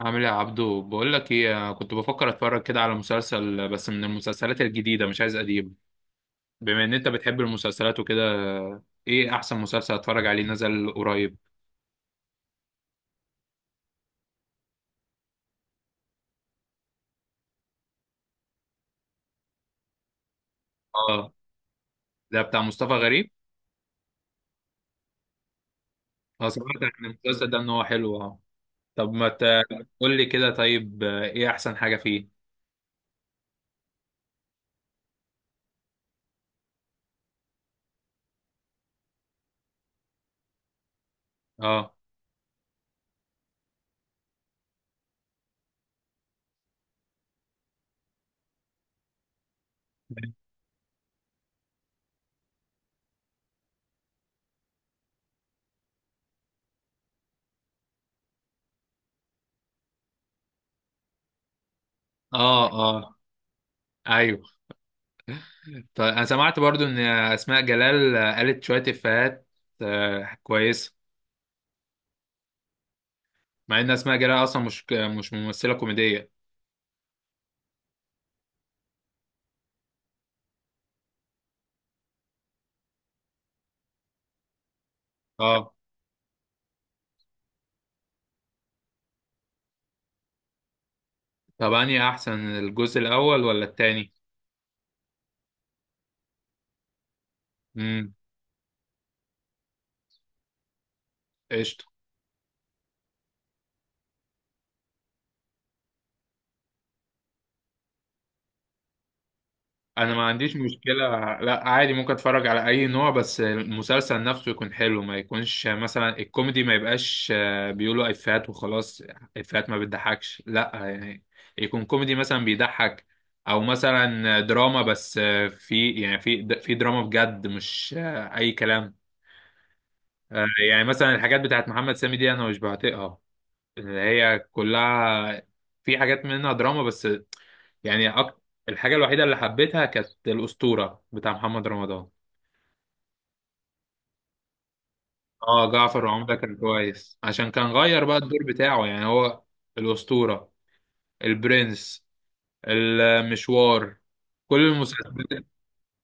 عامل ايه يا عبدو؟ بقول لك ايه، أنا كنت بفكر اتفرج كده على مسلسل، بس من المسلسلات الجديده، مش عايز قديم. بما ان انت بتحب المسلسلات وكده، ايه احسن مسلسل اتفرج عليه نزل قريب؟ اه، ده بتاع مصطفى غريب. اه سمعت عن المسلسل ده ان هو حلو، اه. طب ما تقول لي كده طيب. ايه احسن حاجه فيه؟ اه. اه. اه. ايوه. طيب انا سمعت برضو ان اسماء جلال قالت شويه افيهات، كويسه. مع ان اسماء جلال اصلا مش ممثله كوميديه. اه. طب انهي احسن، الجزء الاول ولا التاني؟ امم قشطه. انا ما عنديش مشكله. لا عادي، ممكن اتفرج على اي نوع، بس المسلسل نفسه يكون حلو. ما يكونش مثلا الكوميدي ما يبقاش بيقولوا افيهات وخلاص، افيهات ما بتضحكش، لا يعني. يكون كوميدي مثلا بيضحك، او مثلا دراما، بس في يعني في دراما بجد، مش اي كلام. يعني مثلا الحاجات بتاعت محمد سامي دي انا مش بعتقها، اللي هي كلها، في حاجات منها دراما بس. يعني أك... الحاجة الوحيدة اللي حبيتها كانت الأسطورة بتاع محمد رمضان. اه جعفر العمدة كان كويس، عشان كان غير بقى الدور بتاعه، يعني هو. الأسطورة، البرنس، المشوار، كل المسلسلات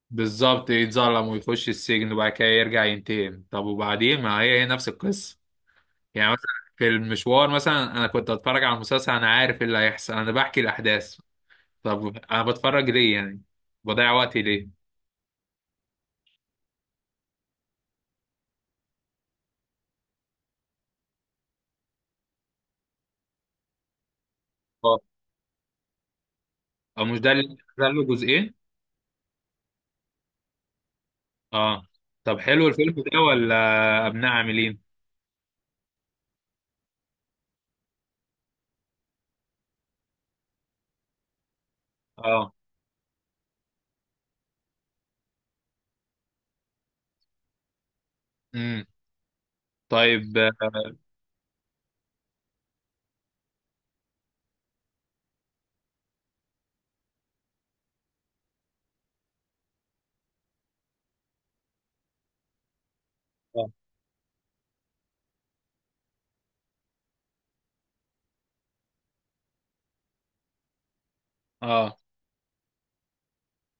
بالظبط يتظلم ويخش السجن وبعد كده يرجع ينتقم. طب وبعدين، ما هي هي نفس القصة. يعني مثلا في المشوار مثلا انا كنت اتفرج على المسلسل، انا عارف ايه اللي هيحصل، انا بحكي الاحداث. طب انا بتفرج ليه يعني؟ بضيع وقتي ليه؟ اه، او مش ده اللي نزل له جزئين؟ اه. طب حلو الفيلم ده ولا ابناء عاملين؟ اه. امم طيب. اه. آه.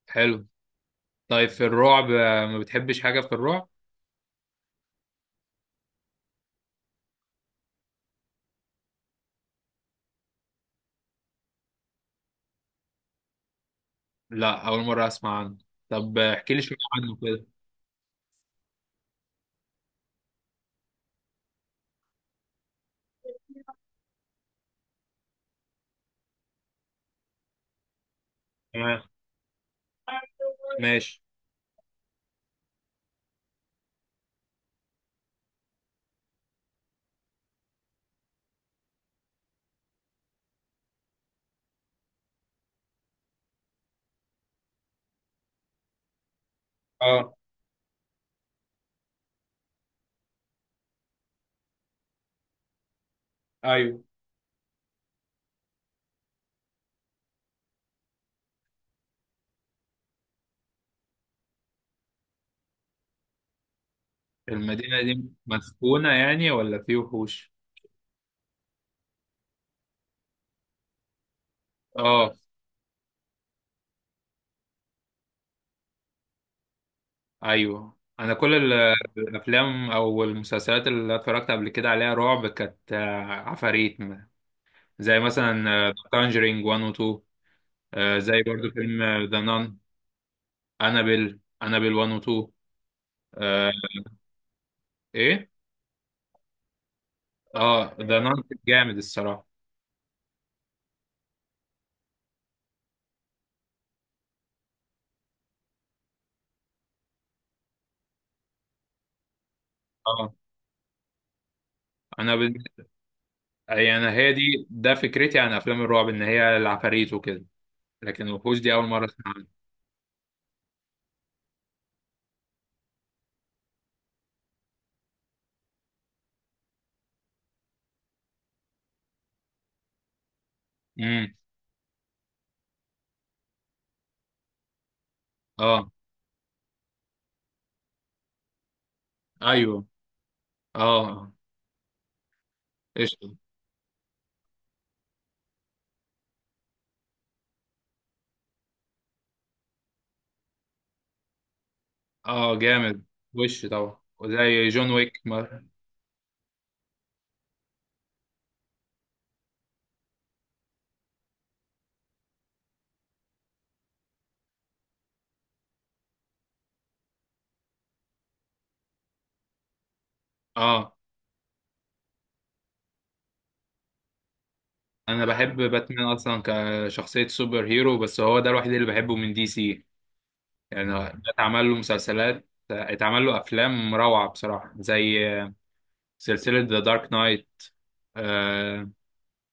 حلو. طيب في الرعب ما بتحبش حاجة في الرعب؟ لا، اول مرة اسمع عنه. طب احكي لي شوية عنه كده. تمام، ماشي. اه. ايوه. المدينة دي مسكونة يعني ولا في وحوش؟ اه. ايوه انا كل الافلام او المسلسلات اللي اتفرجت قبل كده عليها رعب كانت عفاريت زي مثلا كونجرينج 1 و 2، زي برضو فيلم ذا نان، انابيل انابيل 1 و 2. آه، ايه؟ اه ذا نان جامد الصراحه. اه. انا بال... يعني هي دي، ده فكرتي عن افلام الرعب ان هي العفاريت وكده، لكن الوحوش دي اول مره اسمع عنها. امم اه. ايوه. اه. قشطه. اه جامد. وش طبعا وزي جون ويك مر. اه انا بحب باتمان اصلا كشخصية سوبر هيرو، بس هو ده الوحيد اللي بحبه من دي سي. يعني ده اتعمل له مسلسلات، اتعمل له افلام روعة بصراحة، زي سلسلة ذا دارك نايت، آه.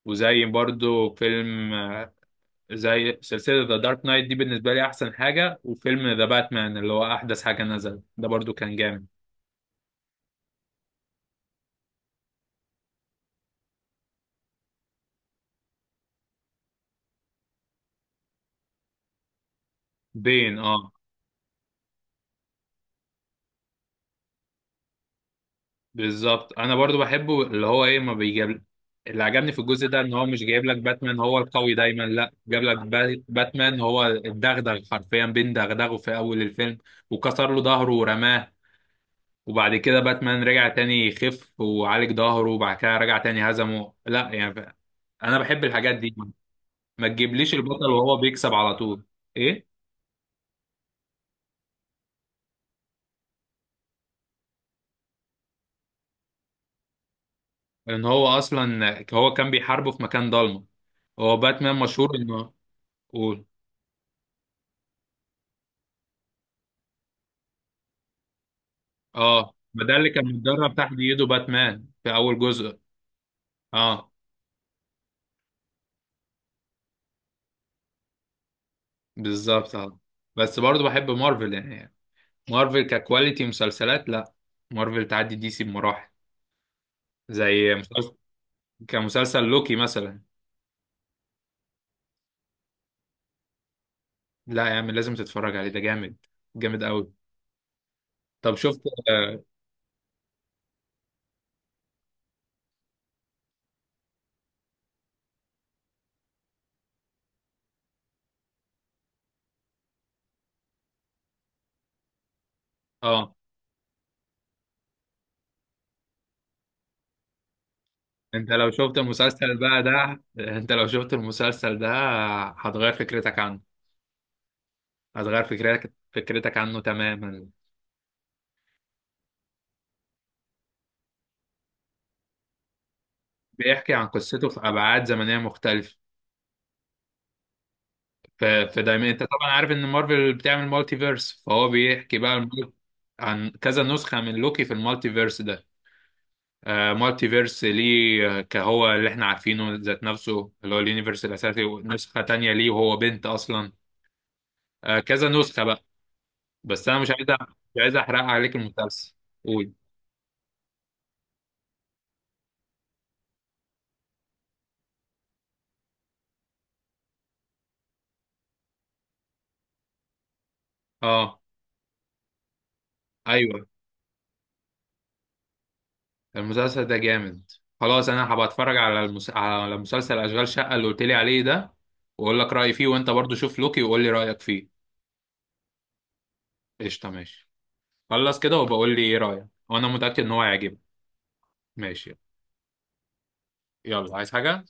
وزي برضو فيلم زي سلسلة ذا دارك نايت دي بالنسبة لي أحسن حاجة. وفيلم ذا باتمان اللي هو أحدث حاجة نزل، ده برضو كان جامد. بين، اه. بالظبط انا برضو بحبه. اللي هو ايه، ما بيجيب. اللي عجبني في الجزء ده ان هو مش جايب لك باتمان هو القوي دايما، لا جاب لك باتمان هو الدغدغ حرفيا، بين دغدغه في اول الفيلم وكسر له ظهره ورماه. وبعد كده باتمان رجع تاني يخف وعالج ظهره، وبعد كده رجع تاني هزمه. لا يعني انا بحب الحاجات دي، ما تجيبليش البطل وهو بيكسب على طول. ايه؟ ان هو اصلا هو كان بيحاربه في مكان ضلمه، هو باتمان مشهور انه. قول. اه ما ده اللي كان متدرب تحت ايده باتمان في اول جزء. اه. بالظبط اه. بس برضه بحب مارفل يعني، مارفل ككواليتي مسلسلات لا، مارفل تعدي دي سي بمراحل. زي مسلسل، كمسلسل لوكي مثلا. لا يا عم لازم تتفرج عليه، ده جامد، جامد قوي. طب شفت؟ اه. آه، انت لو شفت المسلسل بقى ده، انت لو شفت المسلسل ده هتغير فكرتك عنه، هتغير فكرتك عنه تماما. بيحكي عن قصته في أبعاد زمنية مختلفة. فدايما انت طبعا عارف ان مارفل بتعمل مالتي فيرس، فهو بيحكي بقى عن كذا نسخة من لوكي في المالتي فيرس ده. آه مالتي فيرس ليه، كهو اللي احنا عارفينه ذات نفسه اللي هو اليونيفرس الاساسي، ونسخة تانية ليه وهو بنت اصلا. آه كذا نسخة بقى. بس انا مش عايز أ- مش عايز احرق عليك المسلسل. قول. اه. ايوه. المسلسل ده جامد. خلاص انا هبقى اتفرج على على مسلسل اشغال شقة اللي قلت لي عليه ده، واقول لك رأيي فيه، وانت برضو شوف لوكي وقول لي رأيك فيه. قشطة ماشي. خلص كده وبقول لي ايه رأيك، وانا متأكد ان هو هيعجبك. ماشي. يلا، عايز حاجة؟